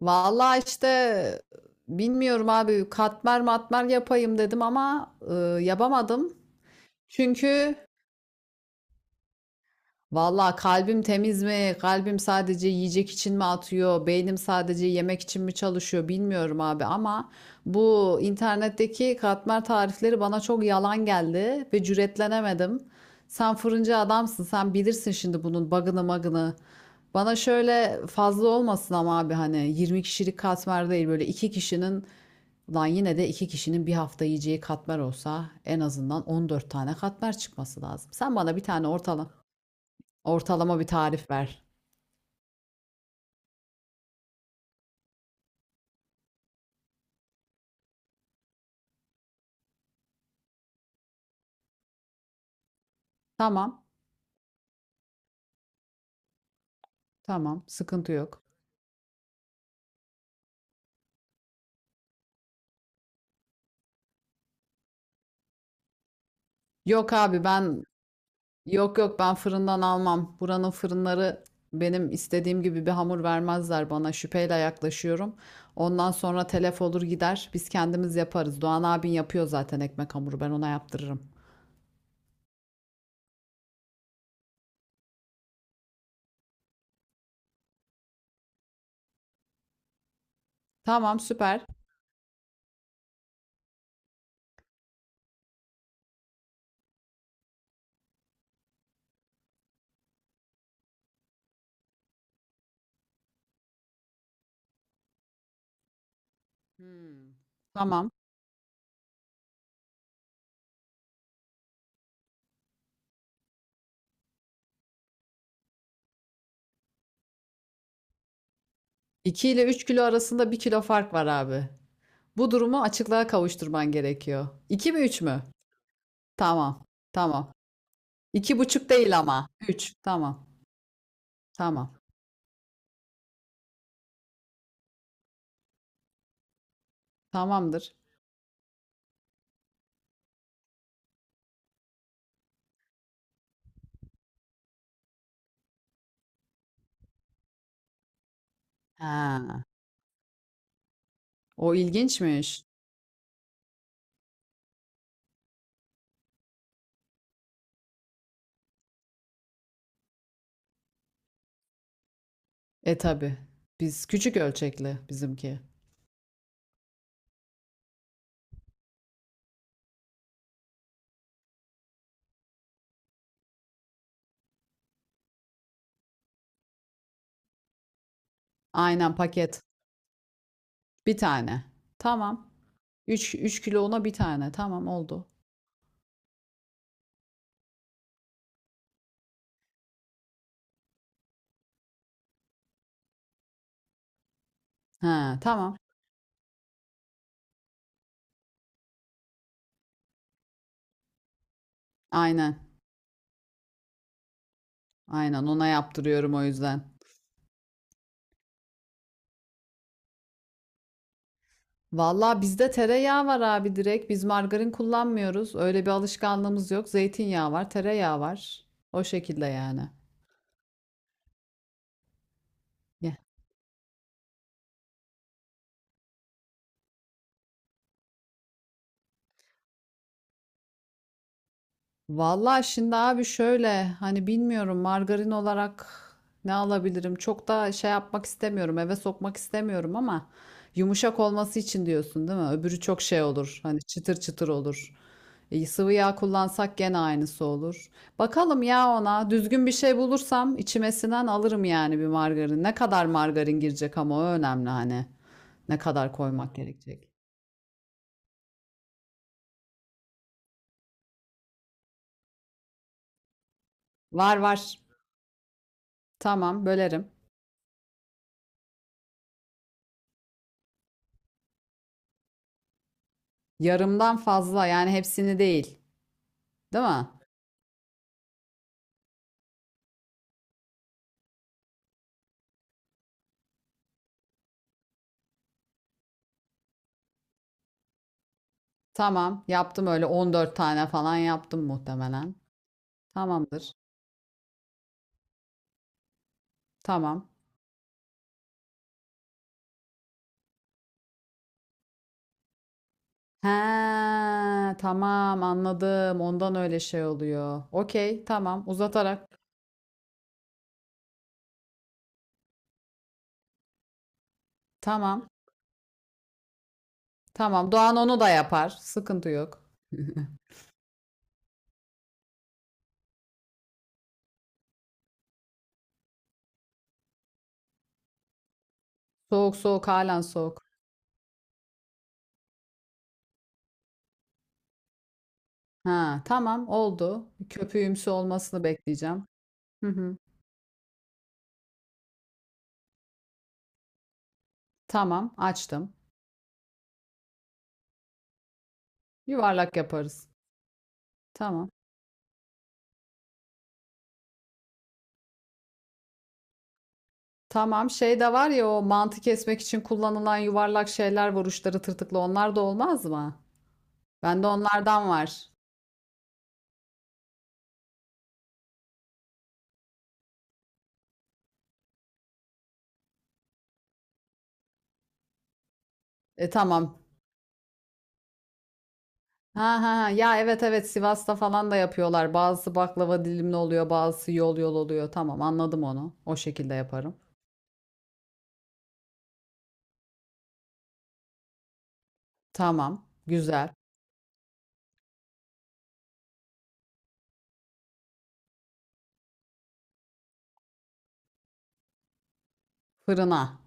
Vallahi işte bilmiyorum abi katmer matmer yapayım dedim ama yapamadım. Çünkü Vallahi kalbim temiz mi? Kalbim sadece yiyecek için mi atıyor? Beynim sadece yemek için mi çalışıyor? Bilmiyorum abi ama bu internetteki katmer tarifleri bana çok yalan geldi ve cüretlenemedim. Sen fırıncı adamsın. Sen bilirsin şimdi bunun bug'ını magını. Bana şöyle fazla olmasın ama abi hani 20 kişilik katmer değil böyle 2 kişinin Lan yine de iki kişinin bir hafta yiyeceği katmer olsa en azından 14 tane katmer çıkması lazım. Sen bana bir tane ortalama. Ortalama bir tarif ver. Tamam, tamam, sıkıntı yok. Yok abi ben, yok yok ben fırından almam. Buranın fırınları benim istediğim gibi bir hamur vermezler bana. Şüpheyle yaklaşıyorum. Ondan sonra telef olur gider. Biz kendimiz yaparız. Doğan abin yapıyor zaten ekmek hamuru. Ben ona yaptırırım. Tamam, süper. Hmm. Tamam. 2 ile üç kilo arasında bir kilo fark var abi. Bu durumu açıklığa kavuşturman gerekiyor. 2 mi 3 mü? Tamam. Tamam. İki buçuk değil ama. Üç. Tamam. Tamam. Tamamdır. Ha. O ilginçmiş. E tabi. Biz küçük ölçekli bizimki. Aynen paket. Bir tane. Tamam. Üç, kilo ona bir tane. Tamam oldu. Ha, tamam. Aynen. Aynen ona yaptırıyorum o yüzden. Vallahi bizde tereyağı var abi direkt. Biz margarin kullanmıyoruz. Öyle bir alışkanlığımız yok. Zeytinyağı var, tereyağı var. O şekilde yani. Ya. Vallahi şimdi abi şöyle hani bilmiyorum margarin olarak ne alabilirim? Çok da şey yapmak istemiyorum, eve sokmak istemiyorum ama yumuşak olması için diyorsun değil mi? Öbürü çok şey olur. Hani çıtır çıtır olur. Sıvı yağ kullansak gene aynısı olur. Bakalım ya ona düzgün bir şey bulursam içime sinen alırım yani bir margarin. Ne kadar margarin girecek ama o önemli hani. Ne kadar koymak gerekecek. Var var. Tamam bölerim. Yarımdan fazla yani hepsini değil. Değil mi? Tamam. Yaptım öyle 14 tane falan yaptım muhtemelen. Tamamdır. Tamam. He, tamam anladım. Ondan öyle şey oluyor. Okey, tamam. Uzatarak. Tamam. Tamam. Doğan onu da yapar. Sıkıntı yok. Soğuk soğuk halen soğuk. Ha, tamam oldu. Köpüğümsü olmasını bekleyeceğim. Hı hı. Tamam açtım. Yuvarlak yaparız. Tamam. Tamam, şey de var ya, o mantı kesmek için kullanılan yuvarlak şeyler var uçları tırtıklı, onlar da olmaz mı? Bende onlardan var. Tamam. Ha ha ha. Ya, evet evet, Sivas'ta falan da yapıyorlar. Bazısı baklava dilimli oluyor bazısı yol yol oluyor. Tamam anladım onu. O şekilde yaparım. Tamam güzel. Fırına.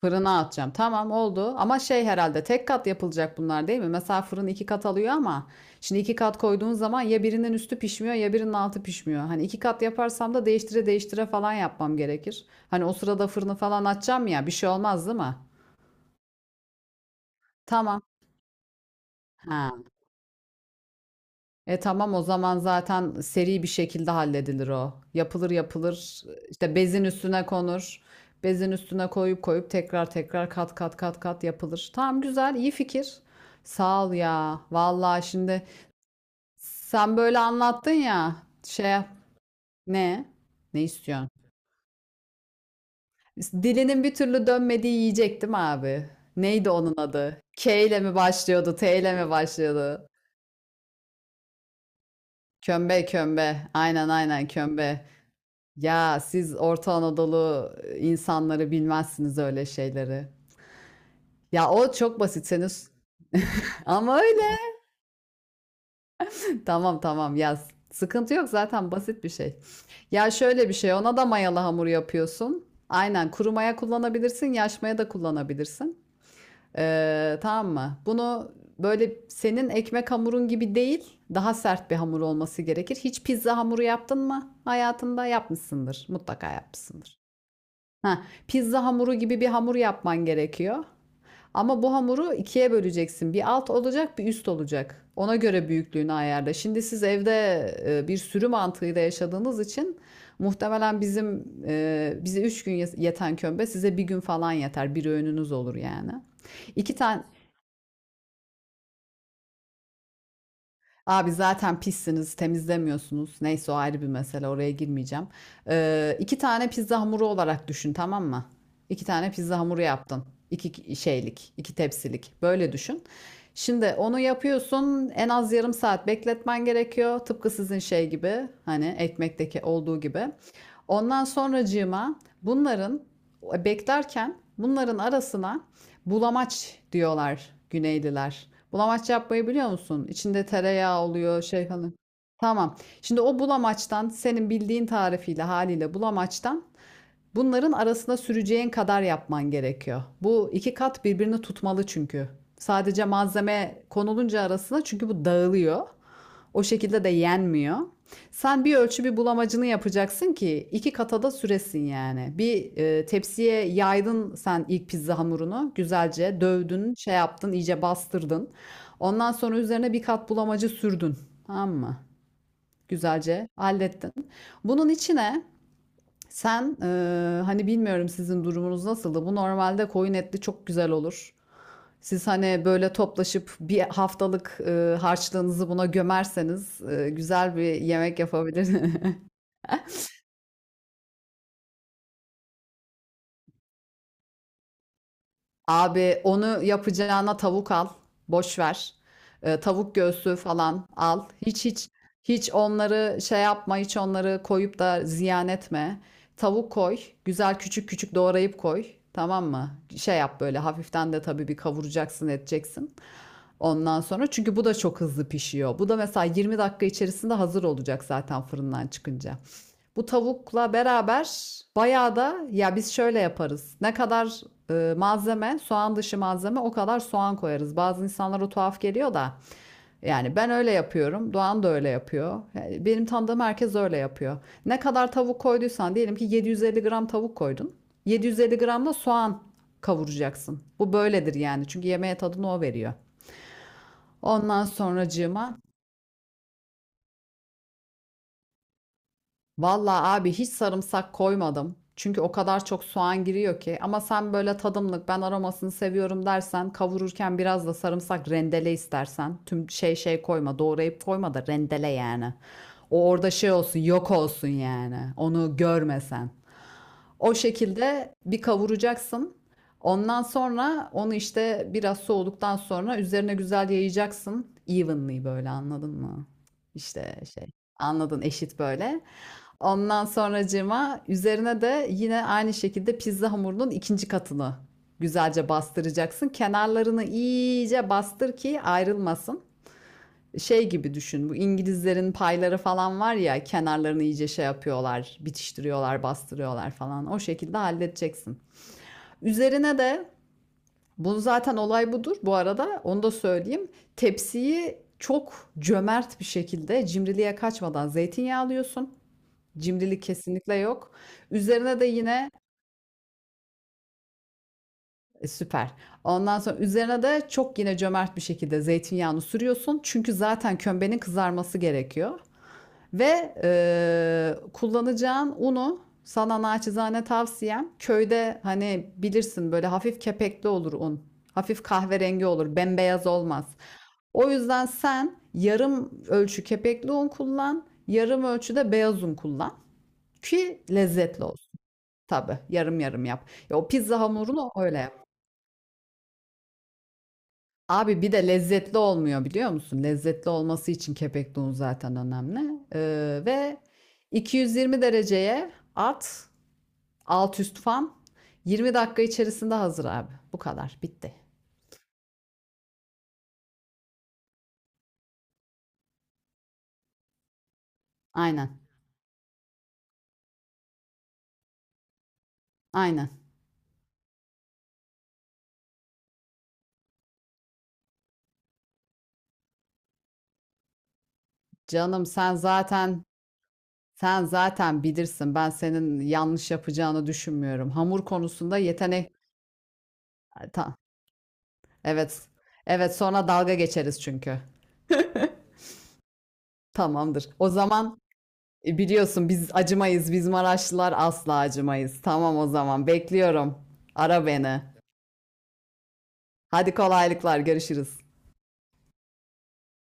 Fırına atacağım. Tamam oldu. Ama şey herhalde tek kat yapılacak bunlar değil mi? Mesela fırın iki kat alıyor ama şimdi iki kat koyduğun zaman ya birinin üstü pişmiyor ya birinin altı pişmiyor. Hani iki kat yaparsam da değiştire değiştire falan yapmam gerekir. Hani o sırada fırını falan açacağım ya bir şey olmaz değil mi? Tamam. Ha. Tamam o zaman, zaten seri bir şekilde halledilir o. Yapılır yapılır işte bezin üstüne konur. Bezin üstüne koyup koyup tekrar tekrar kat kat kat kat yapılır. Tamam güzel, iyi fikir. Sağ ol ya. Vallahi şimdi sen böyle anlattın ya, şey ne? Ne istiyorsun? Dilinin bir türlü dönmediği yiyecektim abi? Neydi onun adı? K ile mi başlıyordu? T ile mi başlıyordu? Kömbe, kömbe. Aynen aynen, kömbe. Ya siz Orta Anadolu insanları bilmezsiniz öyle şeyleri. Ya o çok basit, ama öyle. Tamam tamam yaz. Sıkıntı yok, zaten basit bir şey. Ya şöyle bir şey, ona da mayalı hamur yapıyorsun. Aynen, kuru maya kullanabilirsin, yaş maya da kullanabilirsin. Tamam mı? Bunu böyle senin ekmek hamurun gibi değil, daha sert bir hamur olması gerekir. Hiç pizza hamuru yaptın mı hayatında? Yapmışsındır, mutlaka yapmışsındır. Ha, pizza hamuru gibi bir hamur yapman gerekiyor. Ama bu hamuru ikiye böleceksin. Bir alt olacak, bir üst olacak. Ona göre büyüklüğünü ayarla. Şimdi siz evde bir sürü mantığıyla yaşadığınız için muhtemelen bizim bize 3 gün yeten kömbe size bir gün falan yeter. Bir öğününüz olur yani. İki tane Abi zaten pissiniz, temizlemiyorsunuz. Neyse o ayrı bir mesele, oraya girmeyeceğim. İki tane pizza hamuru olarak düşün, tamam mı? İki tane pizza hamuru yaptın. İki şeylik, iki tepsilik. Böyle düşün. Şimdi onu yapıyorsun, en az yarım saat bekletmen gerekiyor. Tıpkı sizin şey gibi, hani ekmekteki olduğu gibi. Ondan sonracığıma bunların beklerken bunların arasına bulamaç diyorlar Güneyliler. Bulamaç yapmayı biliyor musun? İçinde tereyağı oluyor şey falan. Tamam. Şimdi o bulamaçtan, senin bildiğin tarifiyle haliyle bulamaçtan, bunların arasına süreceğin kadar yapman gerekiyor. Bu iki kat birbirini tutmalı çünkü. Sadece malzeme konulunca arasına çünkü bu dağılıyor. O şekilde de yenmiyor. Sen bir ölçü bir bulamacını yapacaksın ki iki katada süresin yani. Bir tepsiye yaydın sen ilk pizza hamurunu. Güzelce dövdün, şey yaptın, iyice bastırdın. Ondan sonra üzerine bir kat bulamacı sürdün. Tamam mı? Güzelce hallettin. Bunun içine sen hani bilmiyorum sizin durumunuz nasıldı. Bu normalde koyun etli çok güzel olur. Siz hani böyle toplaşıp bir haftalık, harçlığınızı buna gömerseniz, güzel bir yemek yapabilir. Abi onu yapacağına tavuk al, boş ver. Tavuk göğsü falan al. Hiç onları şey yapma, hiç onları koyup da ziyan etme. Tavuk koy, güzel küçük küçük doğrayıp koy, tamam mı? Şey yap, böyle hafiften de tabii bir kavuracaksın, edeceksin. Ondan sonra, çünkü bu da çok hızlı pişiyor. Bu da mesela 20 dakika içerisinde hazır olacak zaten fırından çıkınca. Bu tavukla beraber bayağı da, ya biz şöyle yaparız. Ne kadar malzeme, soğan dışı malzeme, o kadar soğan koyarız. Bazı insanlara tuhaf geliyor da yani ben öyle yapıyorum. Doğan da öyle yapıyor. Yani benim tanıdığım herkes öyle yapıyor. Ne kadar tavuk koyduysan, diyelim ki 750 gram tavuk koydun. 750 gram da soğan kavuracaksın. Bu böyledir yani. Çünkü yemeğe tadını o veriyor. Ondan sonracığıma vallahi abi hiç sarımsak koymadım. Çünkü o kadar çok soğan giriyor ki. Ama sen böyle tadımlık, ben aromasını seviyorum dersen, kavururken biraz da sarımsak rendele istersen. Tüm şey koyma, doğrayıp koyma da rendele yani. O orada şey olsun yok olsun yani. Onu görmesen. O şekilde bir kavuracaksın. Ondan sonra onu işte biraz soğuduktan sonra üzerine güzel yayacaksın. Evenly, böyle anladın mı? İşte şey, anladın, eşit böyle. Ondan sonracığıma üzerine de yine aynı şekilde pizza hamurunun ikinci katını güzelce bastıracaksın. Kenarlarını iyice bastır ki ayrılmasın. Şey gibi düşün. Bu İngilizlerin payları falan var ya, kenarlarını iyice şey yapıyorlar, bitiştiriyorlar, bastırıyorlar falan. O şekilde halledeceksin. Üzerine de, bu zaten olay budur bu arada. Onu da söyleyeyim. Tepsiyi çok cömert bir şekilde, cimriliğe kaçmadan zeytinyağı alıyorsun. Cimrilik kesinlikle yok. Üzerine de yine e, Süper. Ondan sonra üzerine de çok yine cömert bir şekilde zeytinyağını sürüyorsun. Çünkü zaten kömbenin kızarması gerekiyor. Ve kullanacağın unu, sana naçizane tavsiyem, köyde hani bilirsin böyle hafif kepekli olur un. Hafif kahverengi olur, bembeyaz olmaz. O yüzden sen yarım ölçü kepekli un kullan, yarım ölçüde beyaz un kullan ki lezzetli olsun. Tabii yarım yarım yap. Ya o pizza hamurunu öyle yap. Abi bir de lezzetli olmuyor biliyor musun? Lezzetli olması için kepekli un zaten önemli. Ve 220 dereceye at, alt üst fan. 20 dakika içerisinde hazır abi. Bu kadar. Bitti. Aynen. Aynen. Canım sen zaten bilirsin. Ben senin yanlış yapacağını düşünmüyorum. Hamur konusunda yetenek. Ta- Evet. Evet, sonra dalga geçeriz çünkü. Tamamdır. O zaman biliyorsun biz acımayız. Biz Maraşlılar asla acımayız. Tamam o zaman bekliyorum. Ara beni. Hadi, kolaylıklar, görüşürüz.